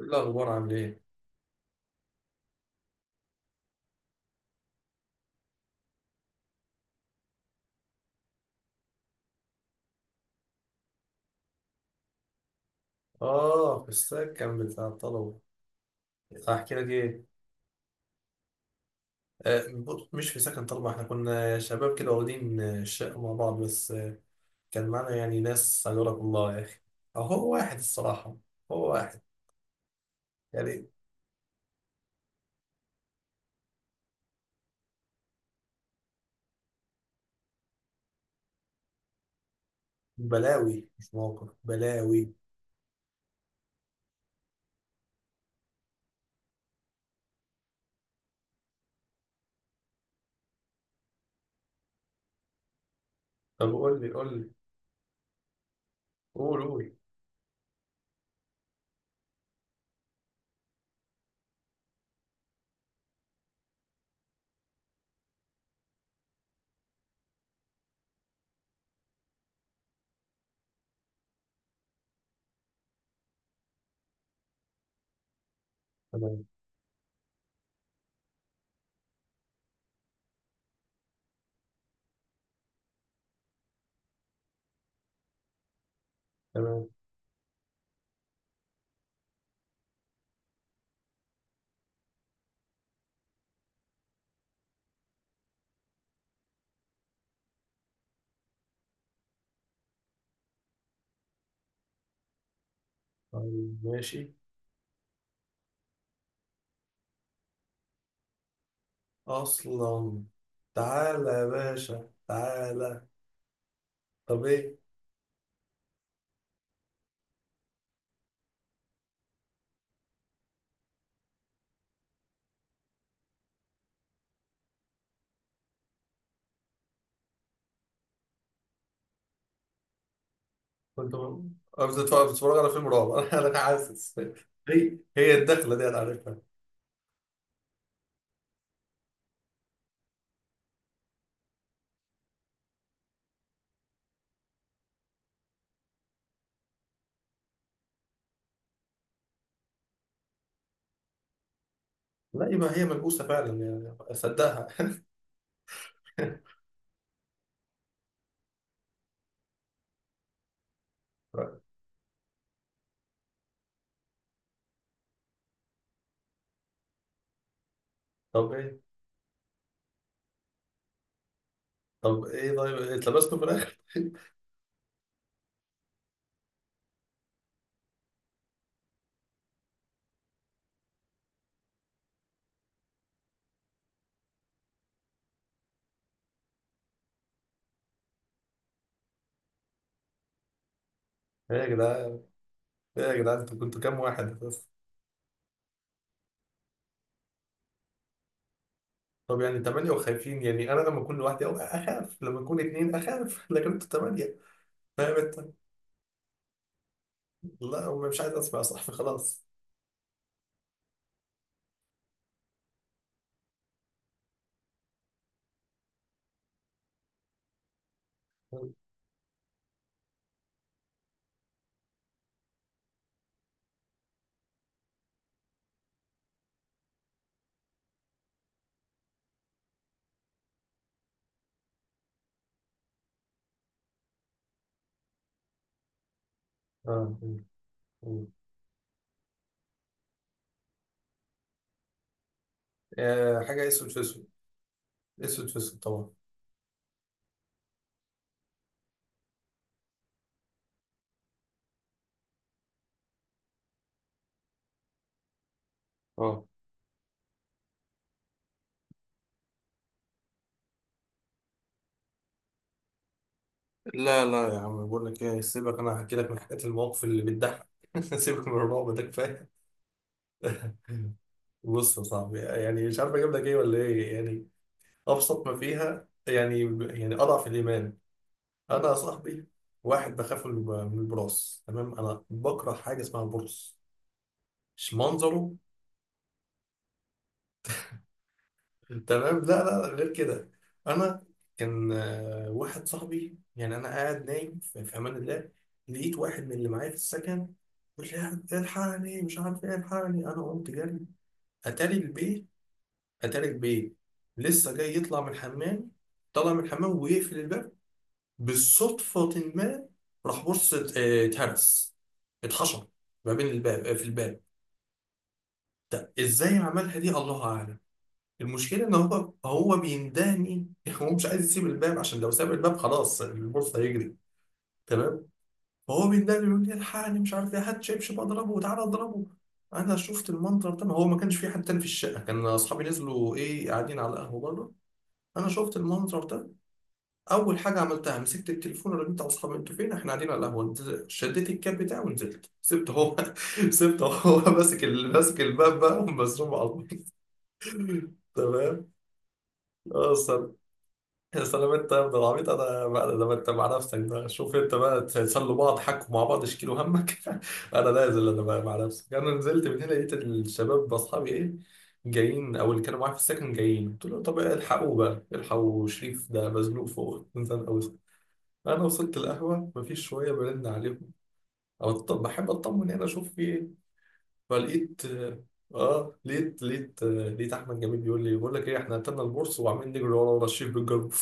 إيه الأخبار؟ عامل إيه؟ في السكن بتاع الطلبة. أحكي لك إيه؟ بص، مش في سكن طلبة. إحنا كنا شباب كده واخدين الشقة مع بعض بس. كان معانا يعني ناس، أجرك الله يا أخي. هو واحد الصراحة. هو واحد يعني. بلاوي، مش موقف بلاوي. طب قول لي قول لي. قول قول. تمام. تمام. طيب ماشي. أصلا. تعالى يا باشا تعالى. طب إيه؟ كنت ب- أنا مش بتفرج على فيلم رعب. أنا حاسس هي الدخلة دي أنا عارفها. لا، يبقى هي ملبوسة فعلا، يعني أصدقها. طب إيه؟ طب إيه؟ طيب اتلبستوا في الآخر؟ إيه يا جدعان؟ إيه يا جدعان، أنتوا كنتوا كام واحد بس؟ طب يعني تمانية وخايفين؟ يعني أنا لما أكون لوحدي أو أخاف، لما أكون اتنين أخاف، لكن أنتوا تمانية. فاهم أنت؟ لا، مش عايز أسمع، صح، خلاص. آه. آه. آه. آه، حاجة أسود في أسود. أسود في أسود طبعا. اه. لا لا يا عم، بقول لك ايه، سيبك، انا هحكي لك من حكايات المواقف اللي بتضحك. سيبك من الرعب ده، كفايه. بص يا صاحبي، يعني مش عارف اجيب لك ايه ولا ايه يعني. ابسط ما فيها يعني. يعني اضعف الايمان. انا يا صاحبي، واحد بخاف من من البراس. تمام. انا بكره حاجه اسمها البرص، مش منظره. تمام. لا لا لا، غير كده. انا كان واحد صاحبي، يعني انا قاعد نايم في امان الله، لقيت واحد من اللي معايا في السكن بيقول لي: الحقني، مش عارف ايه، الحقني. انا قمت جري. اتاري البيت، اتاري البيت لسه جاي يطلع من الحمام. طلع من الحمام ويقفل الباب بالصدفة، ما راح بص، اتهرس، اتحشر ما بين الباب، في الباب. ده ازاي عملها دي؟ الله اعلم. المشكلة إن هو بيندهني. هو مش عايز يسيب الباب، عشان لو ساب الباب خلاص البورصة هيجري. تمام. فهو بيندهني يقول لي: الحقني، مش عارف إيه، هات شبشب أضربه وتعالى أضربه. أنا شفت المنظر ده، ما هو ما كانش في حد تاني في الشقة، كان أصحابي نزلوا إيه قاعدين على القهوة بره. أنا شفت المنظر ده. أول حاجة عملتها مسكت التليفون، رنيت على أصحابي: أنتوا فين؟ إحنا قاعدين على القهوة. شديت الكاب بتاعي ونزلت، سبت هو. سبت هو ماسك ماسك الباب بقى ومزروم على الأرض. تمام. اه سلام، انت يا ابن العبيط انا بقى، لما انت مع نفسك ده شوف انت بقى، تسلوا بعض، حكوا مع بعض، اشكيلوا همك. انا نازل، انا بقى مع نفسك. انا نزلت من هنا، لقيت الشباب باصحابي ايه، جايين، او اللي كانوا معايا في السكن جايين، قلت لهم: طب الحقوا بقى، الحقوا شريف ده مزنوق فوق، نزل قوي. انا وصلت القهوه مفيش، شويه برن عليهم، او طب بحب اطمن هنا اشوف في ايه. فلقيت، اه، لقيت احمد جميل بيقول لي: بقول لك ايه، احنا قتلنا البورصه، وعمالين نجري ورا الشريف بالجروب.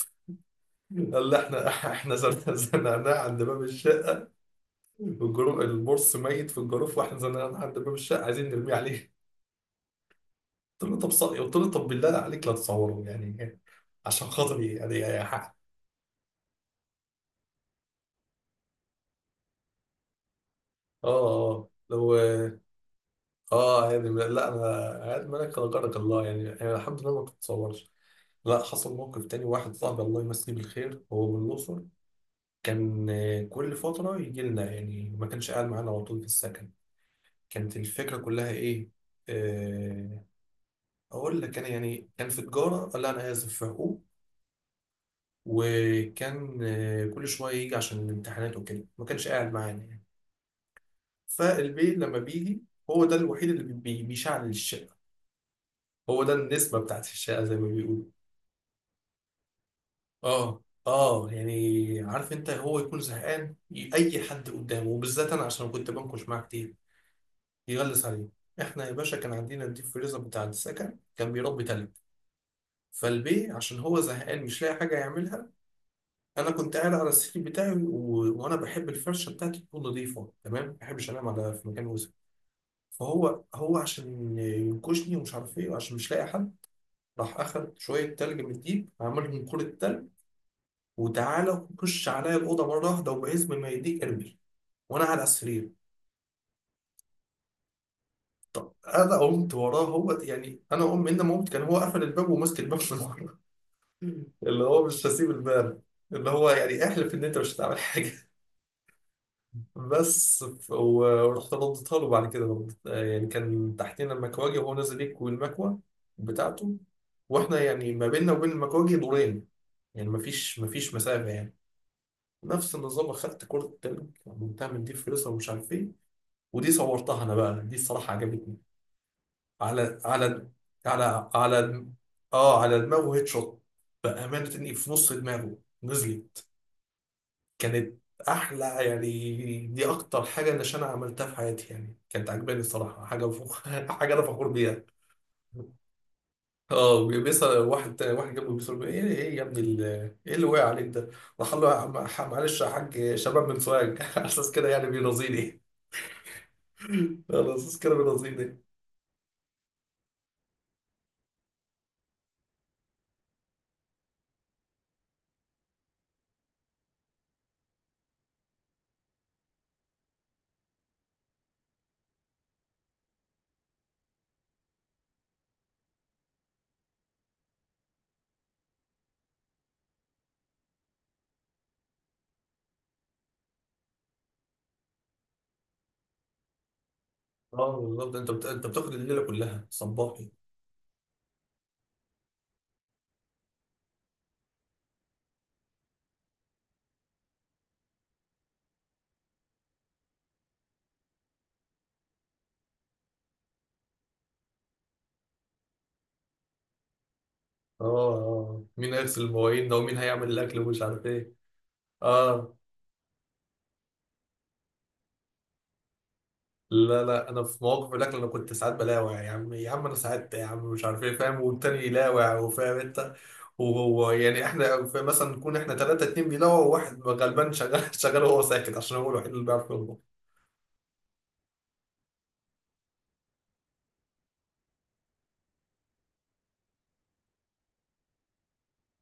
قال: لا احنا، زنقناه عند باب الشقه، والجروف البورس ميت في الجروف، واحنا زنقناه عند باب الشقه عايزين نرميه عليه. قلت له: طب بالله عليك، لا تصوره يعني، عشان خاطري يعني، يا حق. اه اه، لو، اه يعني لا انا، عاد مالك غيرك الله يعني، الحمد لله، ما بتتصورش. لا، حصل موقف تاني، واحد صاحبي الله يمسيه بالخير، هو من الأقصر. كان كل فترة يجي لنا، يعني ما كانش قاعد معانا على طول في السكن. كانت الفكرة كلها إيه، آه، اقول لك، انا يعني كان في تجاره، لا انا اسف، في حقوق. وكان كل شويه يجي عشان الامتحانات وكده، ما كانش قاعد معانا يعني. فالبي لما بيجي، هو ده الوحيد اللي بيشعل الشقه. هو ده النسبه بتاعت الشقه زي ما بيقولوا. اه اه يعني عارف انت، هو يكون زهقان، اي حد قدامه وبالذات انا، عشان كنت بنكش معاه كتير. يغلس عليه. احنا يا باشا كان عندنا الديب فريزر بتاع السكن، كان بيربي تلج. فالبي عشان هو زهقان مش لاقي حاجه يعملها، انا كنت قاعد على السرير بتاعي، وانا بحب الفرشه بتاعتي تكون نظيفه تمام، ما بحبش انام على في مكان وسخ. فهو عشان ينكشني، ومش عارف ايه، وعشان مش لاقي حد، راح اخد شويه تلج من الديب، عملهم كوره تلج، وتعالى خش عليا الاوضه مره واحده، وبعزم ما يديك ارمي وانا على السرير. طب انا قمت وراه، هو يعني انا قمت، من ما قمت كان هو قفل الباب وماسك الباب من ورا، اللي هو مش هسيب الباب، اللي هو يعني احلف ان انت مش هتعمل حاجه. بس ورحت رديتها له بعد كده برضه. يعني كان تحتنا المكواجي، وهو نازل يكوي المكوى بتاعته، واحنا يعني ما بيننا وبين المكواجي دورين، يعني مفيش مسافة يعني. نفس النظام، اخدت كرة التلج، عملتها من دي فلوسها ومش عارف ايه، ودي صورتها انا بقى، دي الصراحة عجبتني. على. على. اه، على دماغه هيد شوت، بأمانة اني في نص دماغه نزلت. كانت احلى، يعني دي اكتر حاجه اللي انا عملتها في حياتي، يعني كانت عجباني الصراحه، حاجه انا فخور بيها. اه، بيسال واحد واحد جنبه، بيسال: ايه ايه يا ابني ايه اللي وقع عليك ده؟ راح قال له: معلش يا حاج، شباب من سوهاج. على اساس كده يعني بيرازيني. على اساس كده بيرازيني. اه بالظبط، انت بتاخد الليله كلها صباحي. اه اه، آه. مين هيغسل المواعين ده، ومين هيعمل الاكل ومش عارف ايه. اه، لا لا انا في مواقف الاكل انا كنت ساعات بلاوع يا عم يا عم، انا ساعات يا عم مش عارف ايه، فاهم؟ والتاني يلاوع، وفاهم انت. وهو يعني احنا مثلا نكون احنا ثلاثه، اتنين بيلاوع وواحد غلبان شغال. شغال وهو ساكت عشان هو الوحيد اللي بيعرف يطبخ.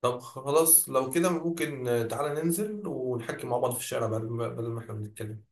طب خلاص لو كده ممكن تعالى ننزل ونحكي مع بعض في الشارع، بدل ما احنا بنتكلم.